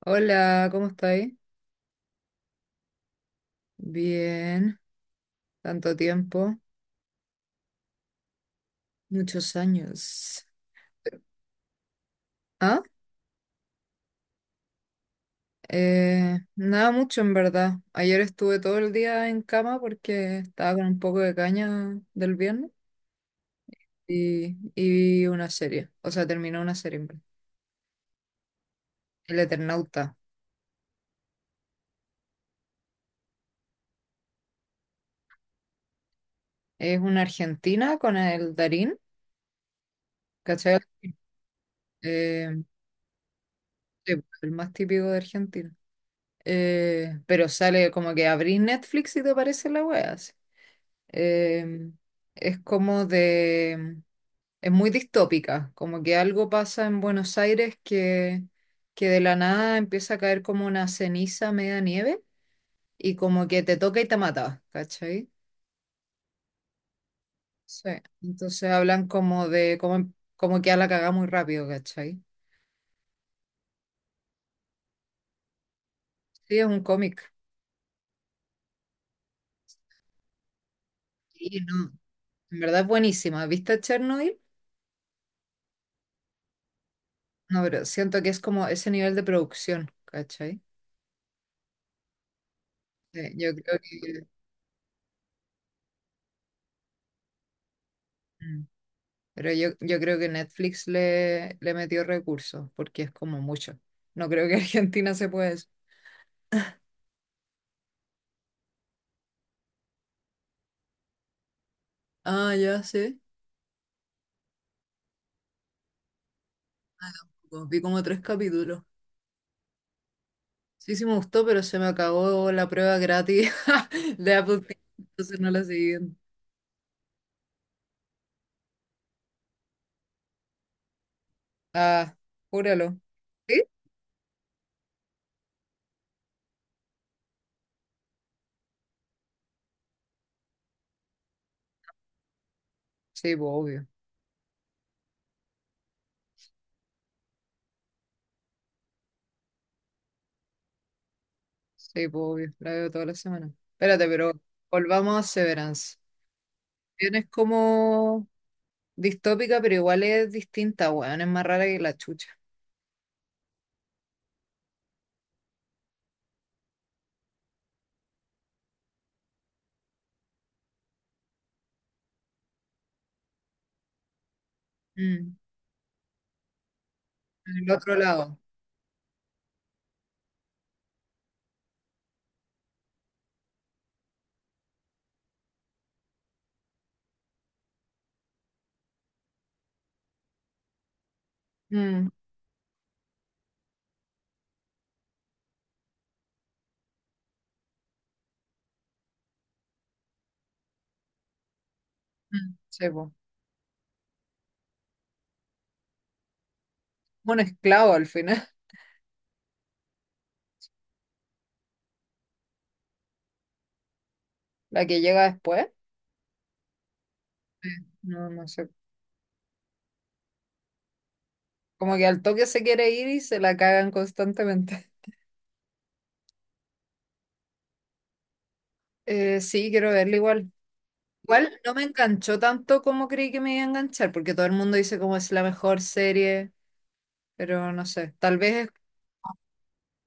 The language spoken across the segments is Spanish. Hola, ¿cómo estáis? Bien, tanto tiempo, muchos años. Ah, nada mucho en verdad. Ayer estuve todo el día en cama porque estaba con un poco de caña del viernes y vi una serie, o sea, terminó una serie en verdad. El Eternauta. Es una argentina con el Darín, ¿cachai? Eh, sí, el más típico de Argentina. Pero sale como que abrís Netflix y te aparece la wea así. eh, es como de, es muy distópica, como que algo pasa en Buenos Aires que de la nada empieza a caer como una ceniza media nieve y como que te toca y te mata, ¿cachai? Sí. Entonces hablan como que a la cagada muy rápido, ¿cachai? Sí, es un cómic. Sí, no, en verdad es buenísima. ¿Viste Chernobyl? No, pero siento que es como ese nivel de producción, ¿cachai? Sí, yo creo que... Mm. Pero yo creo que Netflix le metió recursos, porque es como mucho. No creo que Argentina se pueda eso. Ah, ya sé. Pues vi como 3 capítulos. Sí, sí me gustó, pero se me acabó la prueba gratis de Apple TV, entonces no la seguí viendo. Ah, júralo. ¿Sí? Sí, pues obvio. Sí, pues obvio. La veo toda la semana. Espérate, pero volvamos a Severance. Bien, es como distópica, pero igual es distinta, weón. Es más rara que la chucha. Mm. En el otro lado. Mm. Mm, sí, po. Un esclavo al final. La que llega después. No, no sé. Como que al toque se quiere ir y se la cagan constantemente. Sí, quiero verla igual. Igual no me enganchó tanto como creí que me iba a enganchar, porque todo el mundo dice como es la mejor serie, pero no sé.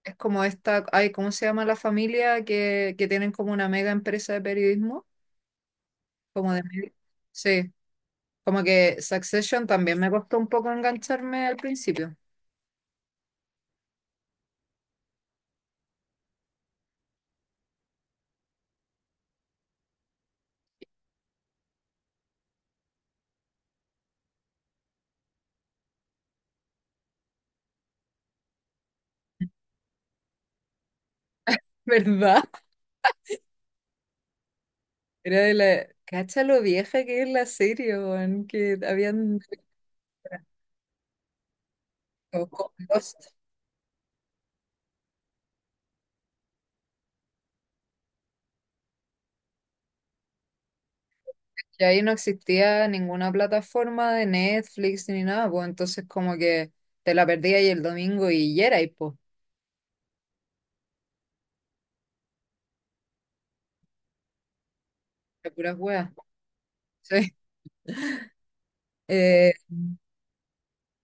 Es como esta, ay, ¿cómo se llama la familia que tienen como una mega empresa de periodismo? Como de medio. Sí, como que Succession también me costó un poco engancharme al principio. ¿Verdad? Era de la... Cacha lo vieja que es la serie, weón, que habían... o con Lost. Y ahí no existía ninguna plataforma de Netflix ni nada, pues entonces como que te la perdías y el domingo y ya era, y pues, de puras weas. Sí. Eh,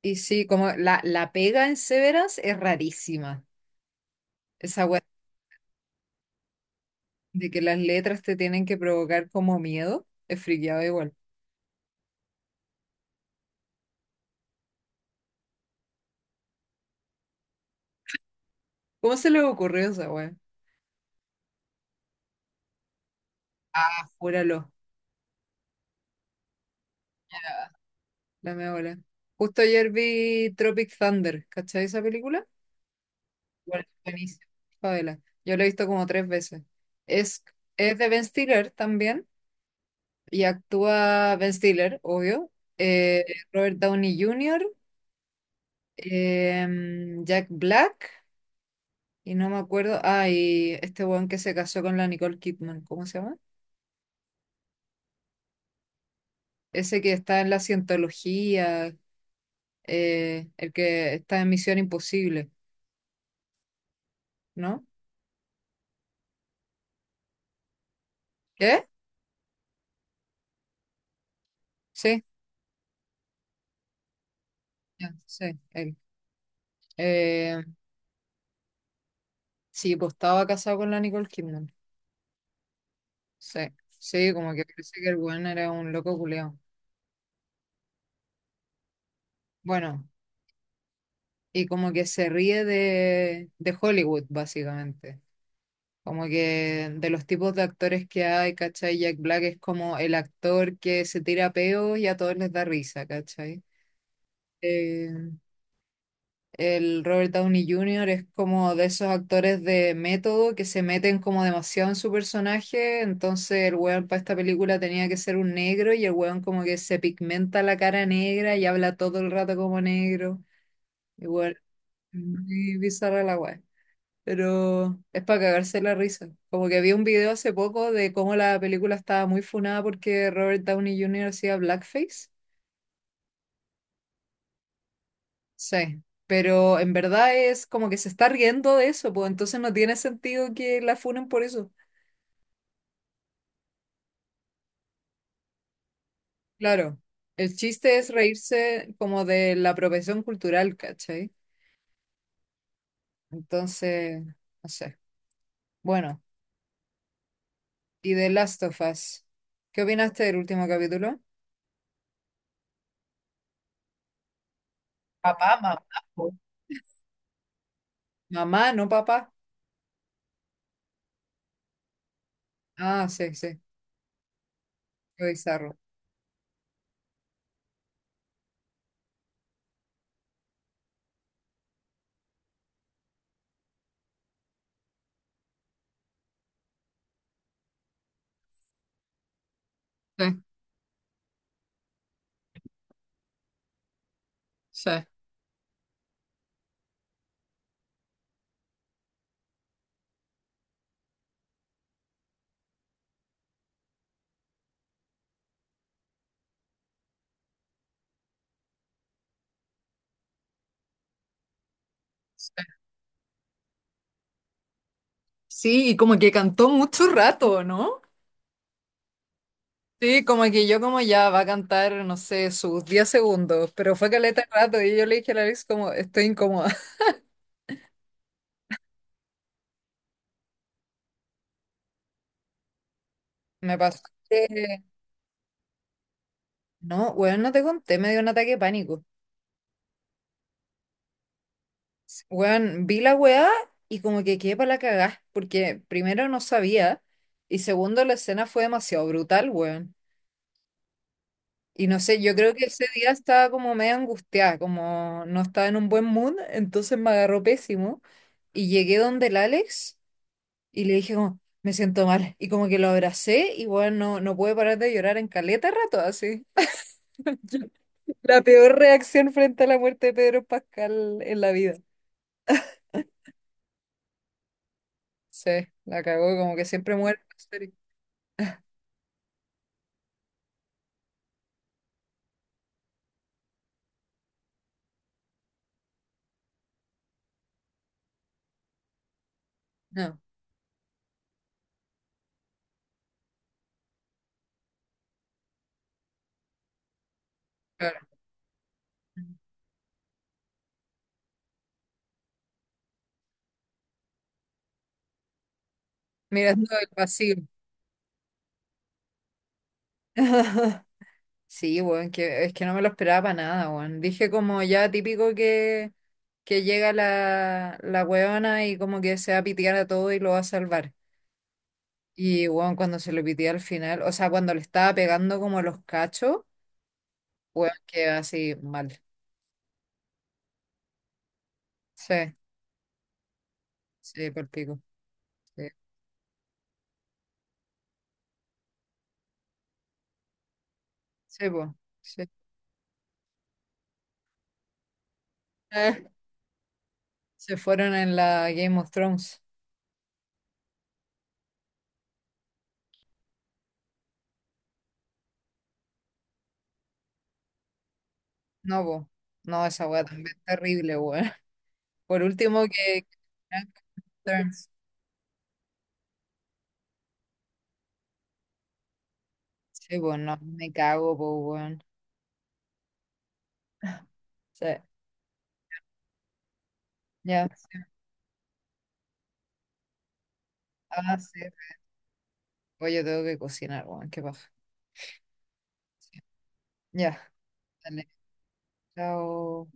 y sí, como la pega en Severance es rarísima. Esa wea de que las letras te tienen que provocar como miedo, es friqueado igual. ¿Cómo se le ocurrió esa wea? Júralo. La mea bola. Justo ayer vi Tropic Thunder, ¿cachai esa película? Bueno, buenísima. Favela. Yo la he visto como 3 veces. Es, es de Ben Stiller también, y actúa Ben Stiller, obvio, eh, Robert Downey Jr., Jack Black, y no me acuerdo, ah, y este weón que se casó con la Nicole Kidman, ¿cómo se llama? Ese que está en la cientología, el que está en Misión Imposible, ¿no? ¿Qué? Sí, ya, sí, él. Eh, sí, pues estaba casado con la Nicole Kidman. Sí, sí, como que parece que el weón era un loco culeado. Bueno, y como que se ríe de Hollywood, básicamente. Como que de los tipos de actores que hay, ¿cachai? Jack Black es como el actor que se tira peos y a todos les da risa, ¿cachai? Eh, El Robert Downey Jr. es como de esos actores de método que se meten como demasiado en su personaje. Entonces el weón para esta película tenía que ser un negro y el weón como que se pigmenta la cara negra y habla todo el rato como negro. Igual, muy bizarra la weá. Pero es para cagarse la risa. Como que vi un video hace poco de cómo la película estaba muy funada porque Robert Downey Jr. hacía blackface. Sí, pero en verdad es como que se está riendo de eso, pues entonces no tiene sentido que la funen por eso. Claro, el chiste es reírse como de la apropiación cultural, ¿cachai? Entonces, no sé. Bueno, y de Last of Us, ¿qué opinaste del último capítulo? Papá, mamá, po. Mamá, no papá. Ah, sí, sí, qué bizarro. Sí, sí. Sí, y como que cantó mucho rato, ¿no? Sí, como que yo como ya va a cantar, no sé, sus 10 segundos, pero fue caleta de rato y yo le dije a la Alex como, estoy incómoda. Me pasó que, no, weón, no te conté, me dio un ataque de pánico. Weón, vi la weá y como que quedé para la cagá, porque primero no sabía y segundo la escena fue demasiado brutal, weón. Y no sé, yo creo que ese día estaba como medio angustiada, como no estaba en un buen mood, entonces me agarró pésimo y llegué donde el Alex. Y le dije como, me siento mal. Y como que lo abracé y bueno, no, no pude parar de llorar en caleta rato así. La peor reacción frente a la muerte de Pedro Pascal en la vida. Sí, la cagó, como que siempre muere en la serie. No, claro. Mirando el vacío. Sí, weón, es que no me lo esperaba para nada, weón. Dije como ya típico que llega la weona y como que se va a pitear a todo y lo va a salvar. Y bueno, cuando se lo pitió al final, o sea, cuando le estaba pegando como los cachos, bueno, quedó así mal. Sí, sí, por pico. Sí, sí, po, sí. Eh, se fueron en la Game of Thrones. No, po. No, esa weá también es terrible, weón. Por último, que. Thrones. Sí, pues no, me cago, pues, weón. Sí, ya, sí. Ah, sí. Oye, tengo que cocinar, weón, qué paja. Sí. Ya, dale. Chao.